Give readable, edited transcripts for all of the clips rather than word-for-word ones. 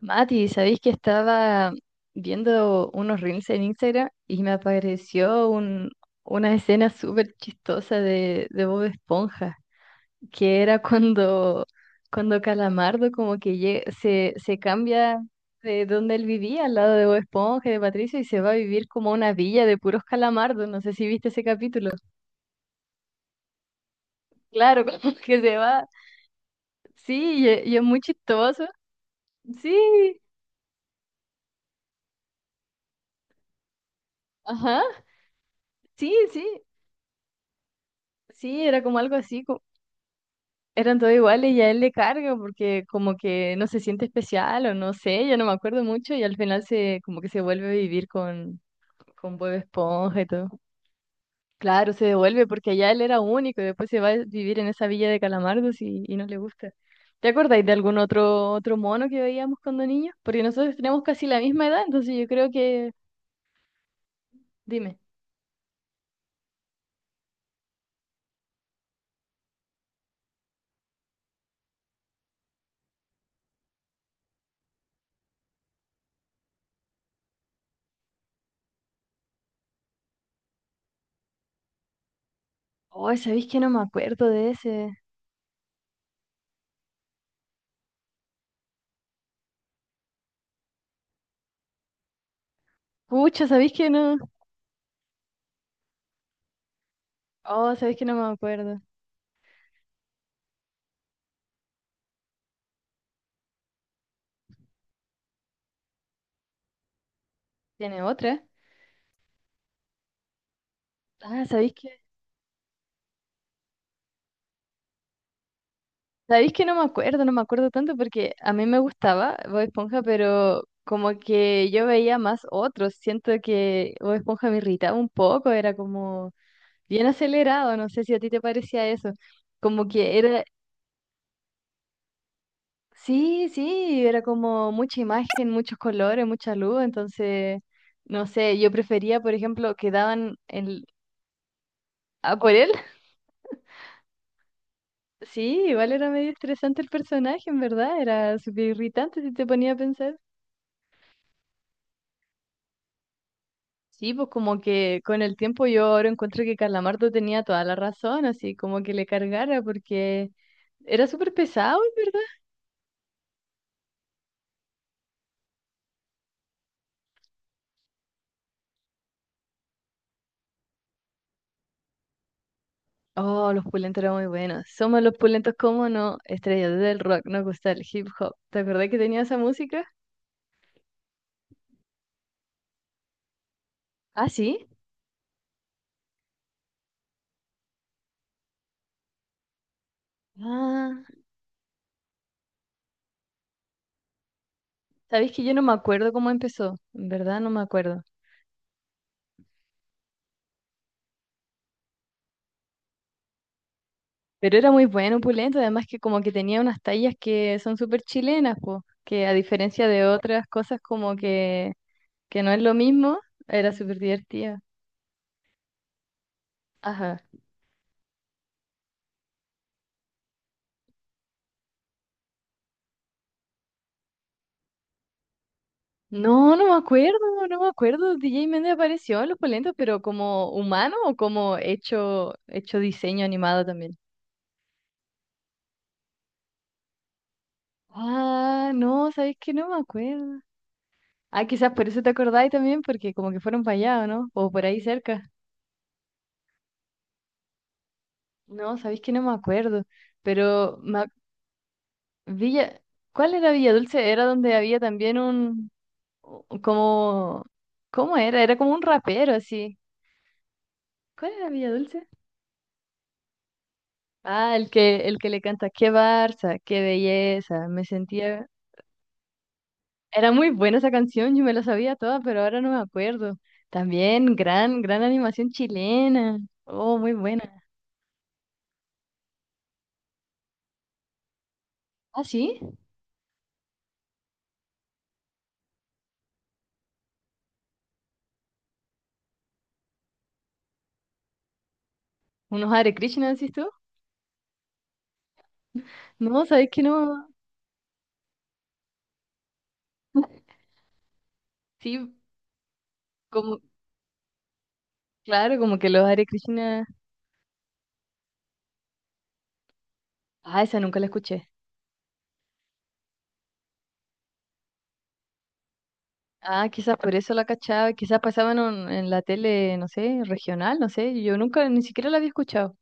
Mati, ¿sabéis que estaba viendo unos reels en Instagram y me apareció una escena súper chistosa de Bob Esponja, que era cuando Calamardo como que se cambia de donde él vivía, al lado de Bob Esponja y de Patricio, y se va a vivir como a una villa de puros calamardos. No sé si viste ese capítulo. Claro, como que se va. Sí, y es muy chistoso. Sí, ajá, sí, sí. Sí, era como algo así, eran todos iguales y a él le carga porque como que no se siente especial o no sé, ya no me acuerdo mucho y al final se como que se vuelve a vivir con Bob Esponja y todo. Claro, se devuelve porque allá él era único y después se va a vivir en esa villa de Calamardos y no le gusta. ¿Te acordáis de algún otro mono que veíamos cuando niños? Porque nosotros tenemos casi la misma edad, entonces yo creo que... Dime. Oh, ¿sabéis que no me acuerdo de ese? Pucha, ¿sabéis que no? Oh, ¿sabéis que no me acuerdo? ¿Tiene otra? Ah, ¿sabéis que...? Sabéis que no me acuerdo, no me acuerdo tanto porque a mí me gustaba Bob Esponja, pero como que yo veía más otros. Siento que Bob Esponja me irritaba un poco, era como bien acelerado, no sé si a ti te parecía eso. Como que era, sí, sí, era como mucha imagen, muchos colores, mucha luz, entonces, no sé, yo prefería, por ejemplo, que daban el... ¿A por él? Sí, igual era medio estresante el personaje, en verdad, era súper irritante si te ponía a pensar. Sí, pues como que con el tiempo yo ahora encuentro que Calamardo tenía toda la razón, así como que le cargara porque era súper pesado, en ¿verdad? Oh, los pulentos eran muy buenos. Somos los pulentos, como no? Estrellas del rock, nos gusta el hip hop. ¿Te acordás que tenía esa música? Ah, sí. Ah, sabéis que yo no me acuerdo cómo empezó, en verdad no me acuerdo. Pero era muy bueno, pulento, además que como que tenía unas tallas que son súper chilenas, pues, que a diferencia de otras cosas como que no es lo mismo, era súper divertida. Ajá. No, no me acuerdo, no me acuerdo. DJ Méndez apareció en Los Polentos, pero como humano o como hecho diseño animado también. Ah, no, ¿sabes que no me acuerdo? Ah, quizás por eso te acordáis también, porque como que fueron para allá, ¿o no? O por ahí cerca. No, ¿sabéis que no me acuerdo? Pero Villa, ¿cuál era Villa Dulce? Era donde había también un, como, ¿cómo era? Era como un rapero así. ¿Cuál era Villa Dulce? Ah, el que le canta, qué Barça, qué belleza, me sentía... Era muy buena esa canción, yo me la sabía toda, pero ahora no me acuerdo. También, gran, gran animación chilena. Oh, muy buena. Ah, ¿sí? ¿Unos Hare Krishna, decís tú? No, ¿sabes que no? Sí, como, claro, como que los Hare Krishna... Ah, esa nunca la escuché. Ah, quizás por eso la cachaba, quizás pasaban en la tele, no sé, regional, no sé, yo nunca, ni siquiera la había escuchado.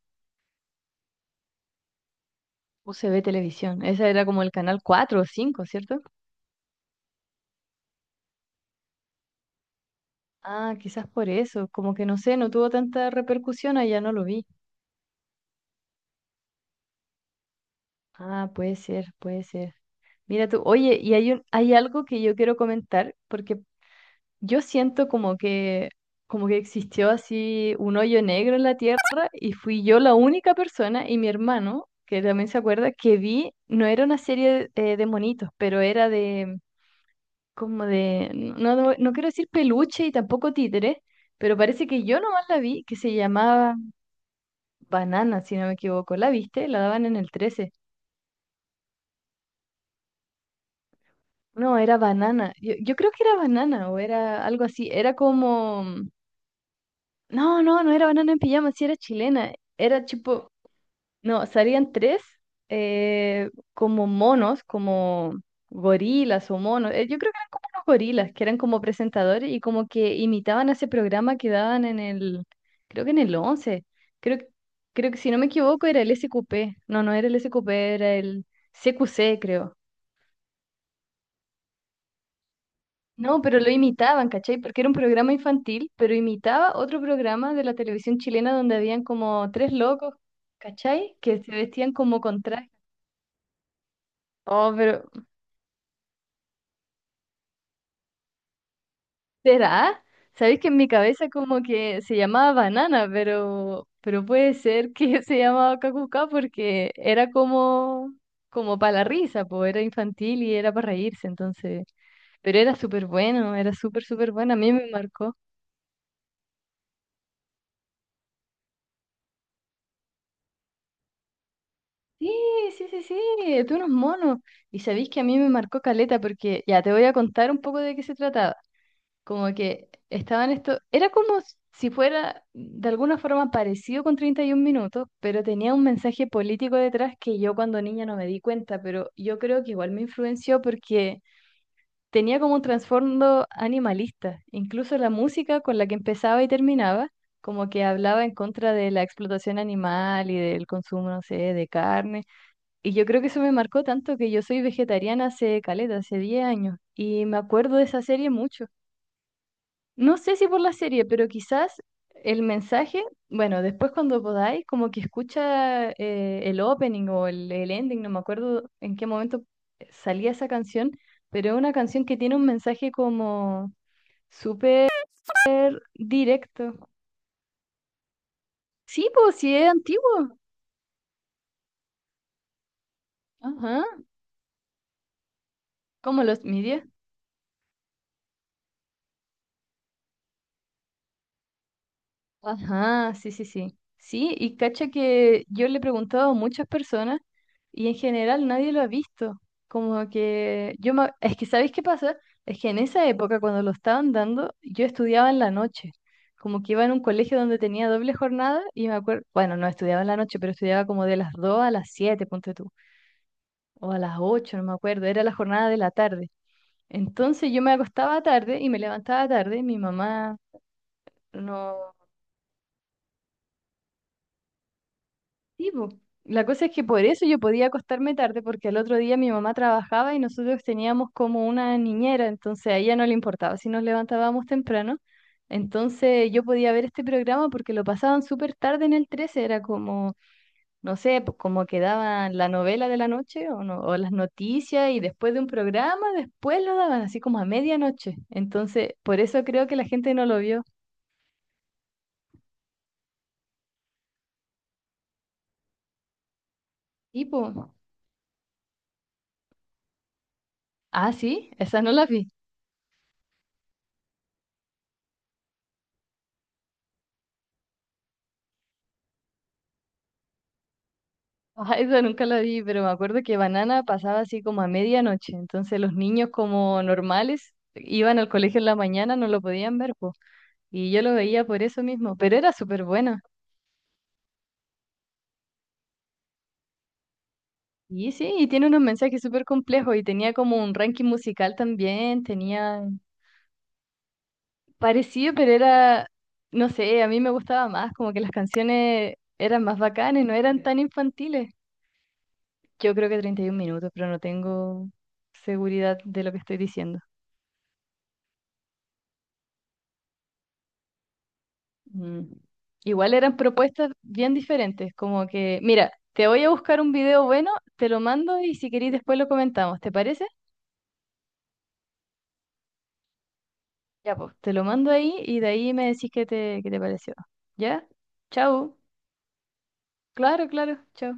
UCB Televisión, esa era como el canal 4 o 5, ¿cierto? Ah, quizás por eso, como que no sé, no tuvo tanta repercusión, allá no lo vi. Ah, puede ser, puede ser. Mira tú, oye, y hay un, hay algo que yo quiero comentar, porque yo siento como que existió así un hoyo negro en la tierra y fui yo la única persona y mi hermano, que también se acuerda, que vi, no era una serie de monitos, pero era de, como de, no, no no quiero decir peluche y tampoco títere, pero parece que yo nomás la vi, que se llamaba... Banana, si no me equivoco. ¿La viste? La daban en el 13. No, era Banana. Yo creo que era Banana o era algo así. Era como... No, no, no era Banana en pijama, sí era chilena. Era tipo... No, salían tres como monos, como gorilas o monos. Yo creo que eran como unos gorilas, que eran como presentadores y como que imitaban ese programa que daban en el... Creo que en el 11. Creo, creo que si no me equivoco era el SQP. No, no era el SQP, era el... CQC, creo. No, pero lo imitaban, ¿cachai? Porque era un programa infantil, pero imitaba otro programa de la televisión chilena donde habían como tres locos, ¿cachai? Que se vestían como con traje. Oh, pero ¿será? Sabéis que en mi cabeza como que se llamaba Banana, pero puede ser que se llamaba Kakuka porque era como para la risa, pues era infantil y era para reírse, entonces. Pero era súper bueno, era súper, súper bueno, a mí me marcó. Sí, sí, sí, sí, tú unos monos. Y sabéis que a mí me marcó caleta porque ya te voy a contar un poco de qué se trataba. Como que estaban esto, era como si fuera de alguna forma parecido con 31 minutos, pero tenía un mensaje político detrás que yo cuando niña no me di cuenta, pero yo creo que igual me influenció porque tenía como un trasfondo animalista. Incluso la música con la que empezaba y terminaba, como que hablaba en contra de la explotación animal y del consumo, no sé, de carne y yo creo que eso me marcó tanto que yo soy vegetariana hace caleta, hace 10 años, y me acuerdo de esa serie mucho. No sé si por la serie, pero quizás el mensaje, bueno, después cuando podáis, como que escucha el opening o el ending, no me acuerdo en qué momento salía esa canción, pero es una canción que tiene un mensaje como súper directo. Sí, pues sí es antiguo. Ajá, como los medios. Ajá, sí, sí, sí. Sí, y cacha que yo le he preguntado a muchas personas y en general nadie lo ha visto. Como que es que ¿sabéis qué pasa? Es que en esa época cuando lo estaban dando, yo estudiaba en la noche. Como que iba en un colegio donde tenía doble jornada y me acuerdo, bueno, no estudiaba en la noche, pero estudiaba como de las 2 a las 7 ponte tú, o a las 8 no me acuerdo, era la jornada de la tarde. Entonces yo me acostaba tarde y me levantaba tarde, mi mamá no. Sí, po. La cosa es que por eso yo podía acostarme tarde, porque al otro día mi mamá trabajaba y nosotros teníamos como una niñera, entonces a ella no le importaba si nos levantábamos temprano. Entonces yo podía ver este programa porque lo pasaban súper tarde en el 13, era como, no sé, como que daban la novela de la noche o, o las noticias y después de un programa, después lo daban así como a medianoche. Entonces, por eso creo que la gente no lo vio. Tipo, ah, sí, esa no la vi. Ajá, eso nunca lo vi, pero me acuerdo que Banana pasaba así como a medianoche, entonces los niños como normales iban al colegio en la mañana, no lo podían ver, po, y yo lo veía por eso mismo, pero era súper bueno. Y sí, y tiene unos mensajes súper complejos y tenía como un ranking musical también, tenía parecido, pero era, no sé, a mí me gustaba más, como que las canciones eran más bacanas, no eran tan infantiles. Yo creo que 31 minutos, pero no tengo seguridad de lo que estoy diciendo. Mm. Igual eran propuestas bien diferentes, como que, mira, te voy a buscar un video bueno, te lo mando y si querís después lo comentamos, ¿te parece? Ya, pues, te lo mando ahí y de ahí me decís qué te pareció. ¿Ya? Chau. Claro, claro, chau.